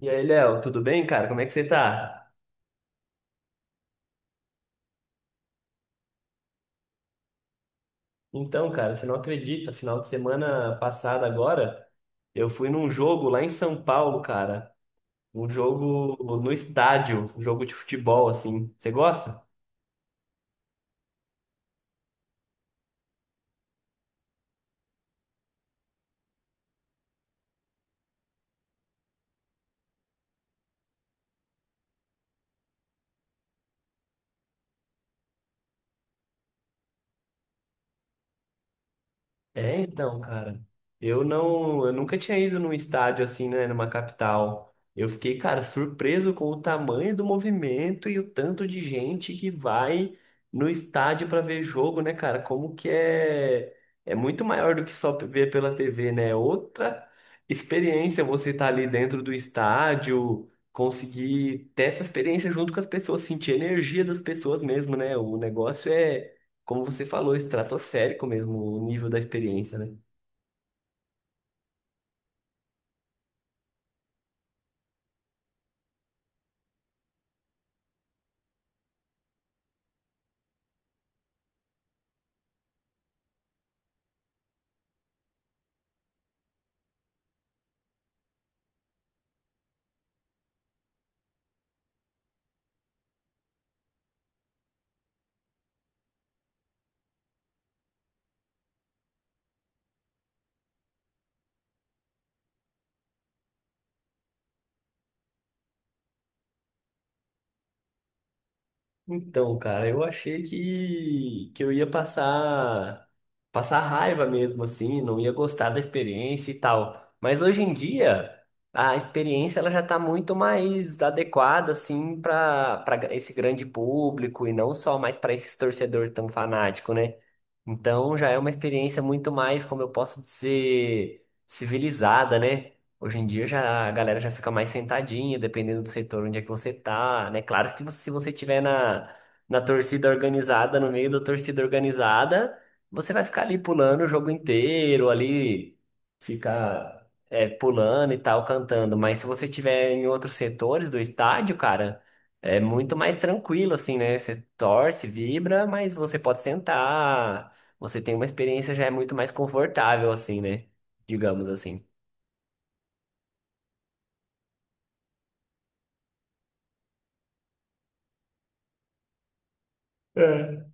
E aí, Léo, tudo bem, cara? Como é que você tá? Então, cara, você não acredita, final de semana passada agora, eu fui num jogo lá em São Paulo, cara. Um jogo no estádio, um jogo de futebol, assim. Você gosta? É, então, cara, eu nunca tinha ido num estádio assim, né, numa capital. Eu fiquei, cara, surpreso com o tamanho do movimento e o tanto de gente que vai no estádio pra ver jogo, né, cara? É muito maior do que só ver pela TV, né? É outra experiência você estar ali dentro do estádio, conseguir ter essa experiência junto com as pessoas, sentir a energia das pessoas mesmo, né? O negócio é como você falou, estratosférico mesmo o nível da experiência, né? Então, cara, eu achei que eu ia passar raiva mesmo, assim, não ia gostar da experiência e tal. Mas hoje em dia, a experiência ela já está muito mais adequada, assim, para esse grande público e não só mais para esses torcedores tão fanáticos, né? Então, já é uma experiência muito mais, como eu posso dizer, civilizada, né? Hoje em dia já, a galera já fica mais sentadinha, dependendo do setor onde é que você tá, né? Claro que se você tiver na, na torcida organizada, no meio da torcida organizada, você vai ficar ali pulando o jogo inteiro, pulando e tal, cantando. Mas se você tiver em outros setores do estádio, cara, é muito mais tranquilo, assim, né? Você torce, vibra, mas você pode sentar, você tem uma experiência já é muito mais confortável, assim, né? Digamos assim. É.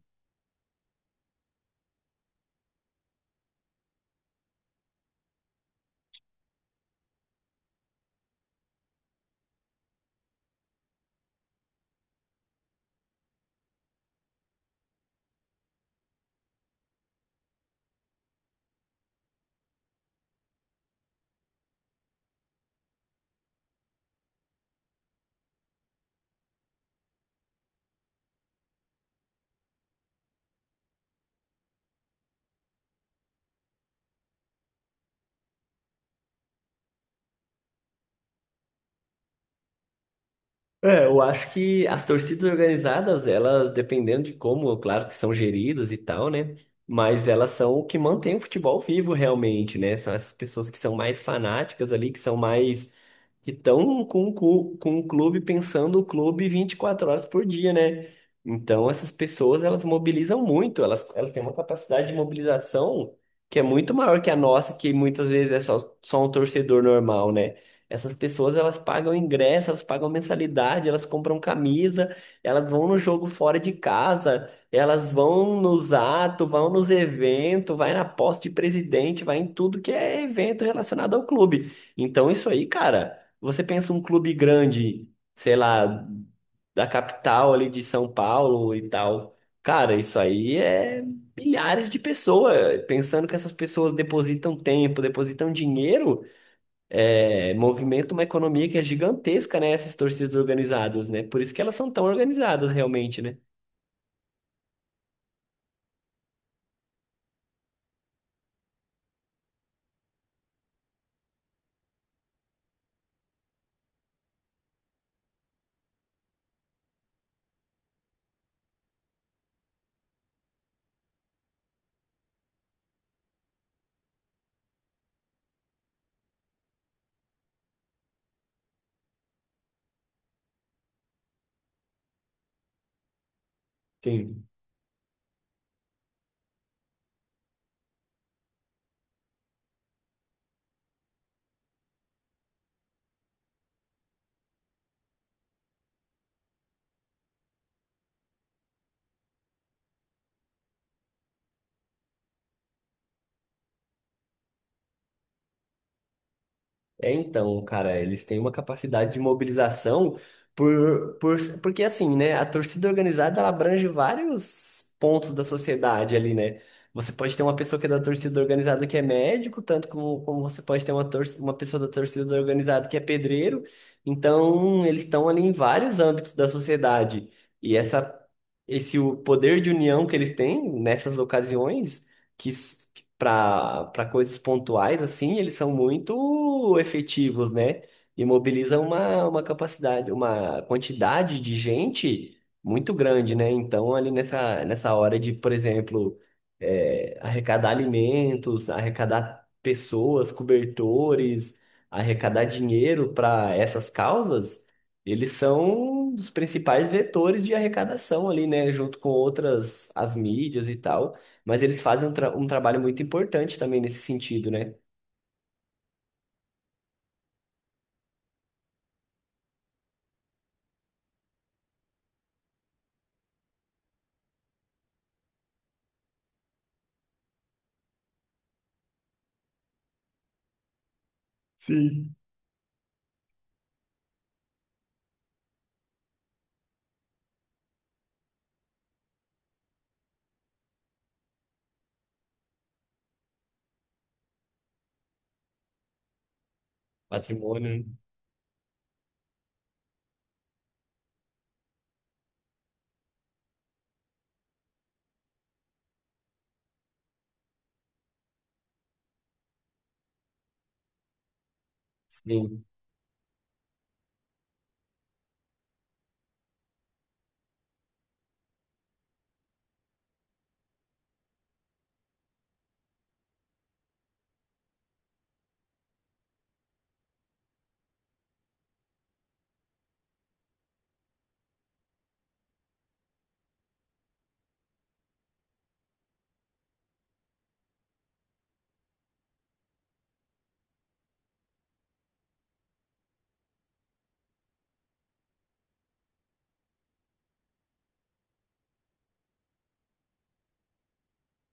É, eu acho que as torcidas organizadas, elas, dependendo de como, claro que são geridas e tal, né? Mas elas são o que mantém o futebol vivo realmente, né? São essas pessoas que são mais fanáticas ali, que são mais que estão com, com o clube, pensando o clube 24 horas por dia, né? Então, essas pessoas, elas mobilizam muito, elas têm uma capacidade de mobilização que é muito maior que a nossa, que muitas vezes é só um torcedor normal, né? Essas pessoas, elas pagam ingresso, elas pagam mensalidade, elas compram camisa, elas vão no jogo fora de casa, elas vão nos atos, vão nos eventos, vai na posse de presidente, vai em tudo que é evento relacionado ao clube. Então, isso aí, cara. Você pensa um clube grande, sei lá, da capital ali de São Paulo e tal. Cara, isso aí é milhares de pessoas. Pensando que essas pessoas depositam tempo, depositam dinheiro, movimenta uma economia que é gigantesca, né? Essas torcidas organizadas, né? Por isso que elas são tão organizadas realmente, né? Sim. É, então, cara, eles têm uma capacidade de mobilização por, por, porque assim, né, a torcida organizada ela abrange vários pontos da sociedade ali, né? Você pode ter uma pessoa que é da torcida organizada que é médico, tanto como você pode ter uma pessoa da torcida organizada que é pedreiro. Então, eles estão ali em vários âmbitos da sociedade. E essa, esse o poder de união que eles têm nessas ocasiões, que para coisas pontuais, assim, eles são muito efetivos, né? E mobilizam uma capacidade, uma quantidade de gente muito grande, né? Então, ali nessa hora de, por exemplo, arrecadar alimentos, arrecadar pessoas, cobertores, arrecadar dinheiro para essas causas, eles são um dos principais vetores de arrecadação ali, né? Junto com outras, as mídias e tal. Mas eles fazem um trabalho muito importante também nesse sentido, né? Sim. Patrimônio, né? Sim.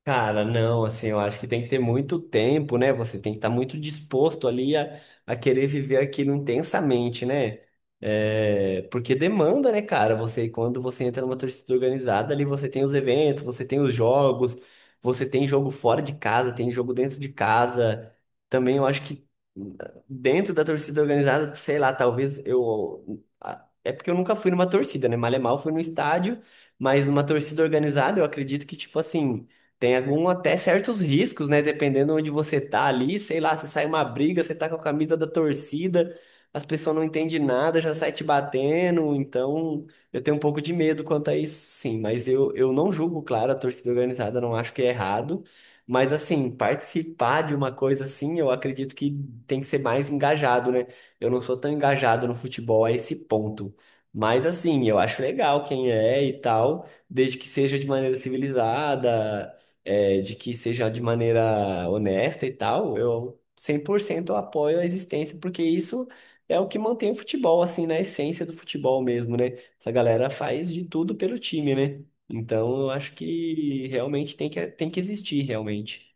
Cara, não, assim, eu acho que tem que ter muito tempo, né? Você tem que estar muito disposto a querer viver aquilo intensamente, né? É, porque demanda, né, cara? Você, quando você entra numa torcida organizada, ali você tem os eventos, você tem os jogos, você tem jogo fora de casa, tem jogo dentro de casa. Também eu acho que hum, dentro da torcida organizada, sei lá, É porque eu nunca fui numa torcida, né? Mal é mal, fui no estádio, mas numa torcida organizada, eu acredito que, tipo assim. Tem algum até certos riscos, né? Dependendo onde você tá ali, sei lá, se sai uma briga, você tá com a camisa da torcida, as pessoas não entendem nada, já sai te batendo, então eu tenho um pouco de medo quanto a isso, sim, mas eu não julgo, claro, a torcida organizada, não acho que é errado, mas assim, participar de uma coisa assim, eu acredito que tem que ser mais engajado, né? Eu não sou tão engajado no futebol a esse ponto. Mas assim, eu acho legal quem é e tal, desde que seja de maneira civilizada, de que seja de maneira honesta e tal, eu 100% apoio a existência, porque isso é o que mantém o futebol, assim, na essência do futebol mesmo, né? Essa galera faz de tudo pelo time, né? Então, eu acho que realmente tem que existir, realmente.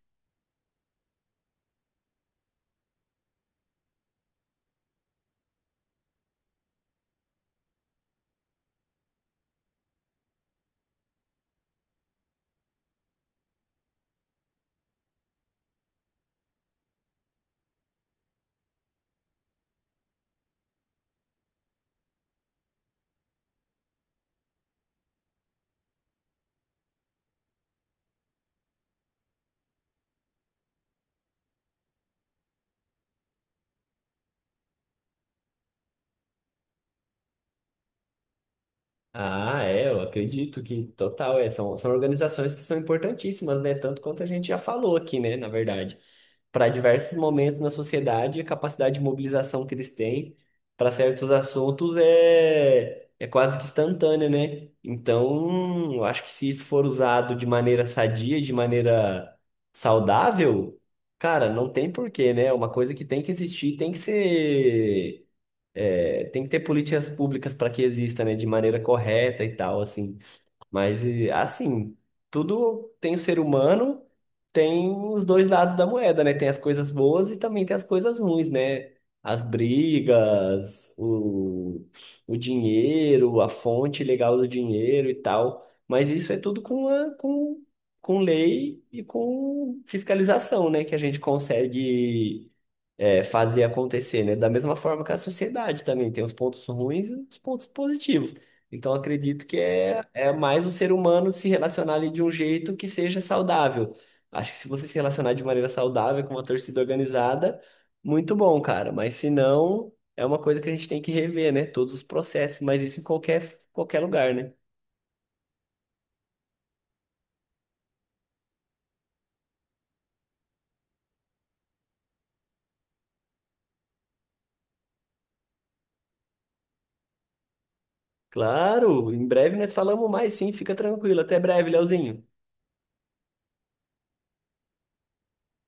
Ah, é, eu acredito que total, é, são organizações que são importantíssimas, né? Tanto quanto a gente já falou aqui, né, na verdade. Para diversos momentos na sociedade, a capacidade de mobilização que eles têm para certos assuntos é quase que instantânea, né? Então, eu acho que se isso for usado de maneira sadia, de maneira saudável, cara, não tem porquê, né? É uma coisa que tem que existir, tem que ter políticas públicas para que exista, né, de maneira correta e tal, assim. Mas, e, assim, tudo tem o ser humano, tem os dois lados da moeda, né? Tem as coisas boas e também tem as coisas ruins, né? As brigas, o, o dinheiro, a fonte legal do dinheiro e tal. Mas isso é tudo com lei e com fiscalização, né? Que a gente consegue fazer acontecer, né? Da mesma forma que a sociedade também tem os pontos ruins e os pontos positivos. Então, acredito que é mais o ser humano se relacionar ali de um jeito que seja saudável. Acho que se você se relacionar de maneira saudável com uma torcida organizada, muito bom, cara. Mas se não, é uma coisa que a gente tem que rever, né? Todos os processos, mas isso em qualquer, qualquer lugar, né? Claro, em breve nós falamos mais, sim, fica tranquilo. Até breve, Leozinho.